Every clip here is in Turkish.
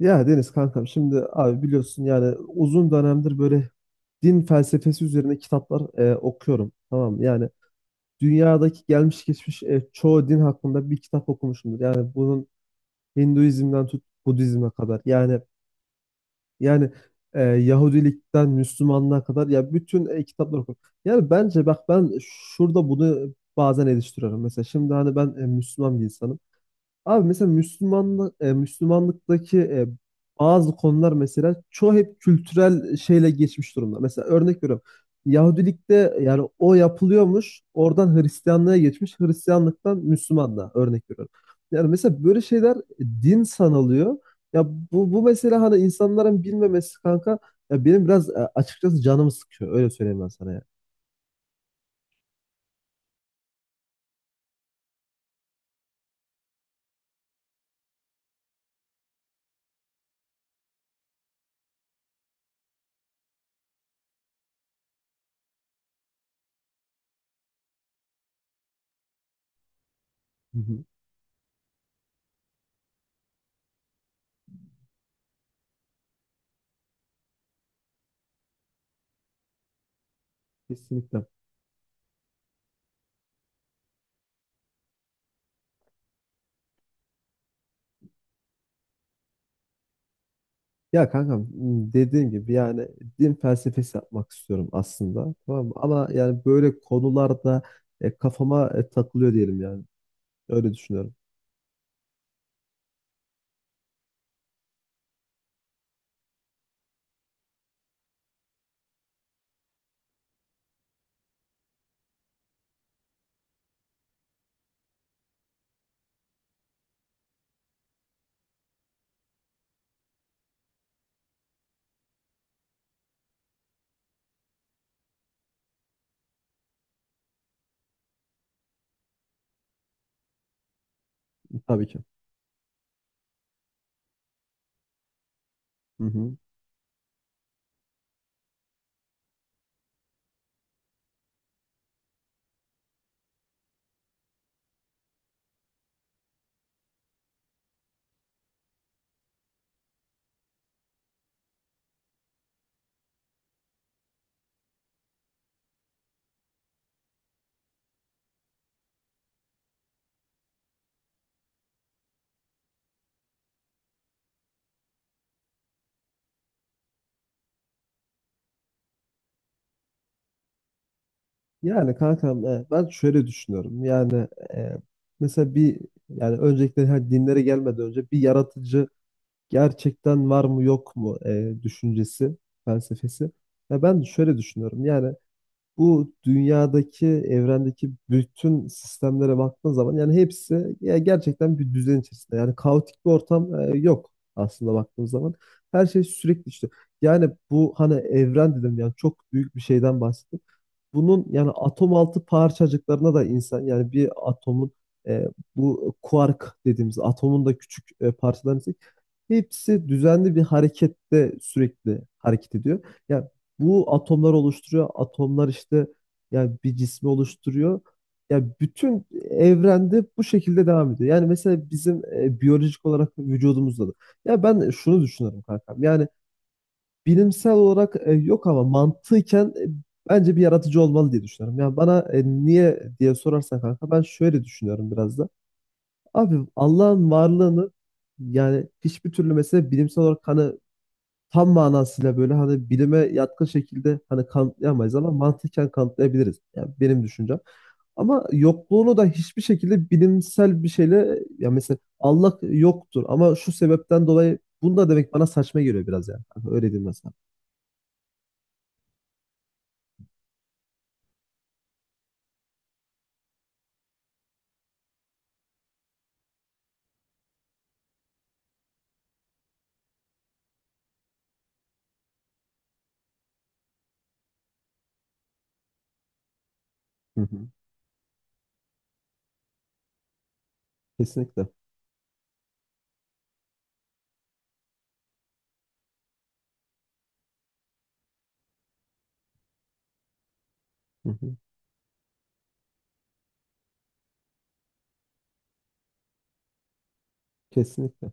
Ya Deniz kankam, şimdi abi biliyorsun, yani uzun dönemdir böyle din felsefesi üzerine kitaplar okuyorum. Tamam mı? Yani dünyadaki gelmiş geçmiş çoğu din hakkında bir kitap okumuşumdur. Yani bunun Hinduizm'den tut Budizm'e kadar. Yani yani Yahudilikten Müslümanlığa kadar ya bütün kitapları okuyorum. Yani bence bak, ben şurada bunu bazen eleştiriyorum. Mesela şimdi hani ben Müslüman bir insanım. Abi mesela Müslümanlıktaki bazı konular, mesela çoğu hep kültürel şeyle geçmiş durumda. Mesela örnek veriyorum. Yahudilikte yani o yapılıyormuş, oradan Hristiyanlığa geçmiş, Hristiyanlıktan Müslümanlığa, örnek veriyorum. Yani mesela böyle şeyler din sanılıyor. Ya bu mesela hani insanların bilmemesi kanka, ya benim biraz açıkçası canımı sıkıyor. Öyle söyleyeyim ben sana ya. Hı hı. Kesinlikle. Ya kankam, dediğim gibi yani din felsefesi yapmak istiyorum aslında, tamam mı? Ama yani böyle konularda kafama takılıyor diyelim yani. Öyle düşünüyorum, tabii ki. Hı hı. Yani kankam, ben şöyle düşünüyorum yani. e, Mesela bir, yani öncelikle hani dinlere gelmeden önce bir yaratıcı gerçekten var mı yok mu düşüncesi, felsefesi. Ya ben şöyle düşünüyorum yani: bu dünyadaki, evrendeki bütün sistemlere baktığın zaman yani hepsi ya gerçekten bir düzen içerisinde. Yani kaotik bir ortam yok aslında, baktığımız zaman. Her şey sürekli işte. Yani bu hani evren dedim, yani çok büyük bir şeyden bahsettim, bunun yani atom altı parçacıklarına da insan, yani bir atomun, e, bu kuark dediğimiz atomun da küçük parçalarını ise hepsi düzenli bir harekette sürekli hareket ediyor. Yani bu atomlar oluşturuyor. Atomlar işte yani bir cismi oluşturuyor. Yani bütün evrende bu şekilde devam ediyor. Yani mesela bizim biyolojik olarak vücudumuzda da. Ya ben şunu düşünüyorum kankam. Yani bilimsel olarak yok ama mantıken bence bir yaratıcı olmalı diye düşünüyorum. Yani bana niye diye sorarsan kanka, ben şöyle düşünüyorum biraz da. Abi Allah'ın varlığını yani hiçbir türlü mesela bilimsel olarak, hani tam manasıyla böyle, hani bilime yatkın şekilde hani kanıtlayamayız, ama mantıken kanıtlayabiliriz. Yani benim düşüncem. Ama yokluğunu da hiçbir şekilde bilimsel bir şeyle, ya mesela Allah yoktur ama şu sebepten dolayı, bunu da demek bana saçma geliyor biraz yani. Hani öyle diyeyim mesela. Hı hı. Kesinlikle. Hı hı. Kesinlikle.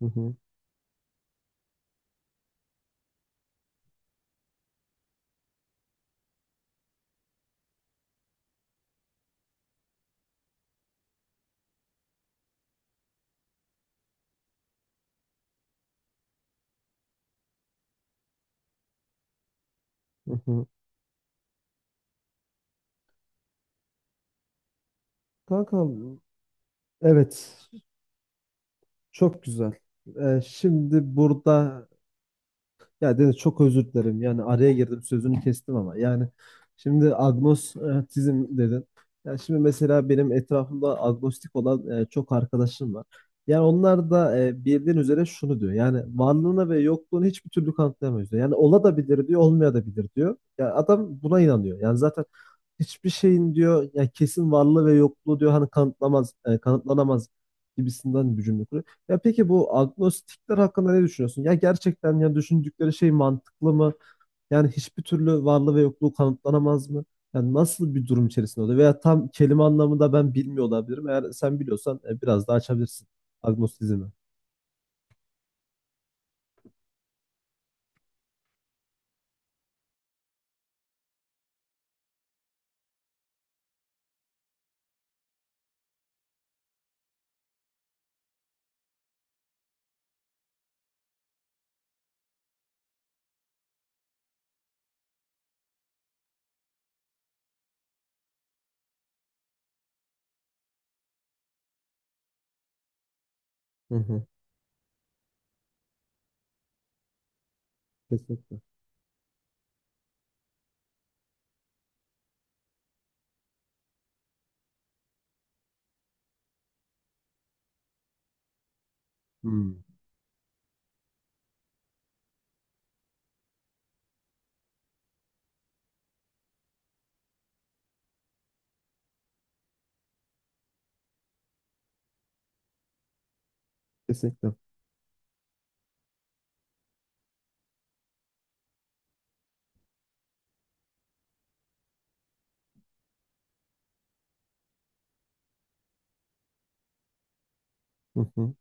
Hı hı. Hı hı. Kankam, evet, çok güzel. Şimdi burada ya Deniz, çok özür dilerim. Yani araya girdim, sözünü kestim ama. Yani şimdi agnostizm dedin. Yani şimdi mesela benim etrafımda agnostik olan çok arkadaşım var. Yani onlar da bildiğin üzere şunu diyor. Yani varlığını ve yokluğunu hiçbir türlü kanıtlayamıyoruz diyor. Yani ola da bilir diyor, olmaya da bilir diyor. Ya adam buna inanıyor. Yani zaten hiçbir şeyin diyor ya, kesin varlığı ve yokluğu diyor hani kanıtlamaz, kanıtlanamaz gibisinden bir cümle kuruyor. Ya peki bu agnostikler hakkında ne düşünüyorsun? Ya gerçekten, ya düşündükleri şey mantıklı mı? Yani hiçbir türlü varlığı ve yokluğu kanıtlanamaz mı? Yani nasıl bir durum içerisinde oluyor? Veya tam kelime anlamında ben bilmiyor olabilirim. Eğer sen biliyorsan biraz daha açabilirsin agnostizmi. Hı hı, kesinlikle. Hmm. Kesinlikle. Hı hı.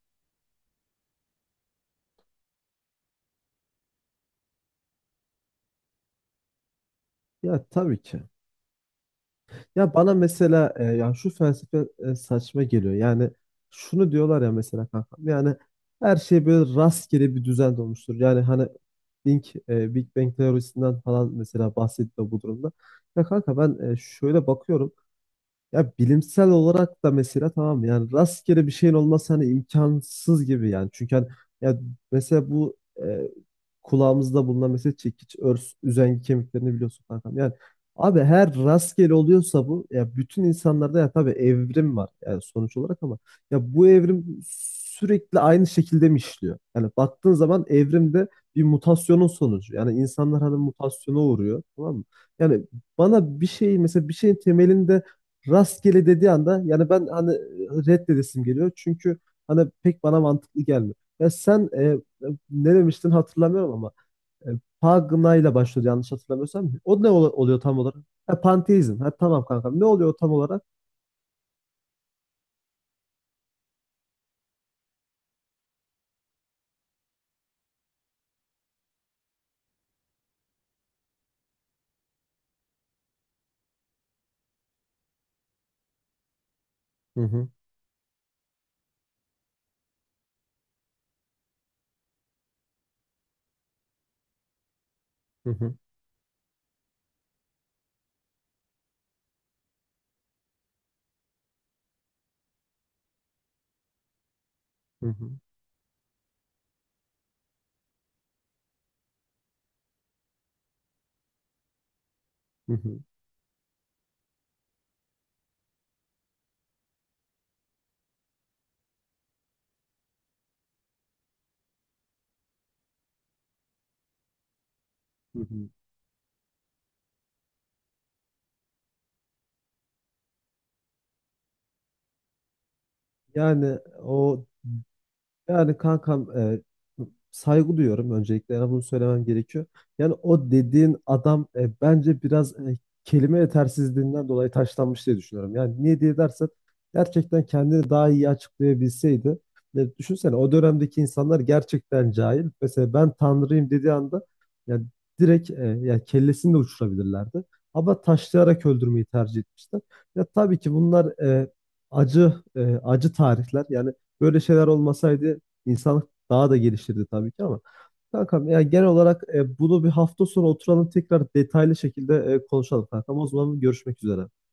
Ya tabii ki. Ya bana mesela ya şu felsefe saçma geliyor. Yani şunu diyorlar ya, mesela kankam. Yani her şey böyle rastgele bir düzen olmuştur. Yani hani Big Bang teorisinden falan mesela bahsediyor bu durumda. Ya kanka, ben şöyle bakıyorum. Ya bilimsel olarak da mesela tamam, yani rastgele bir şeyin olması hani imkansız gibi yani. Çünkü hani, ya mesela bu e, kulağımızda bulunan mesela çekiç, örs, üzengi kemiklerini biliyorsun kankam. Yani abi, her rastgele oluyorsa bu, ya bütün insanlarda, ya tabii evrim var yani sonuç olarak, ama ya bu evrim sürekli aynı şekilde mi işliyor? Yani baktığın zaman evrimde bir mutasyonun sonucu. Yani insanlar hani mutasyona uğruyor, tamam mı? Yani bana bir şey, mesela bir şeyin temelinde rastgele dediği anda yani ben hani reddedesim geliyor. Çünkü hani pek bana mantıklı gelmiyor. Ya sen ne demiştin hatırlamıyorum, ama e, Pagna ile başlıyor yanlış hatırlamıyorsam. O ne oluyor tam olarak? Ha, panteizm. Ha, tamam kankam. Ne oluyor tam olarak? Hı hı, hı hı, hı hı, hı hı, hı hı. Yani o Yani kankam, saygı duyuyorum öncelikle, yani bunu söylemem gerekiyor. Yani o dediğin adam bence biraz kelime yetersizliğinden dolayı taşlanmış diye düşünüyorum. Yani niye diye dersen, gerçekten kendini daha iyi açıklayabilseydi. E, düşünsene, o dönemdeki insanlar gerçekten cahil. Mesela ben tanrıyım dediği anda yani direkt, yani kellesini de uçurabilirlerdi. Ama taşlayarak öldürmeyi tercih etmişler. Ya tabii ki bunlar acı, acı tarihler. Yani böyle şeyler olmasaydı İnsanlık daha da geliştirdi tabii ki, ama kankam, ya genel olarak bunu bir hafta sonra oturalım tekrar, detaylı şekilde konuşalım kankam. O zaman görüşmek üzere.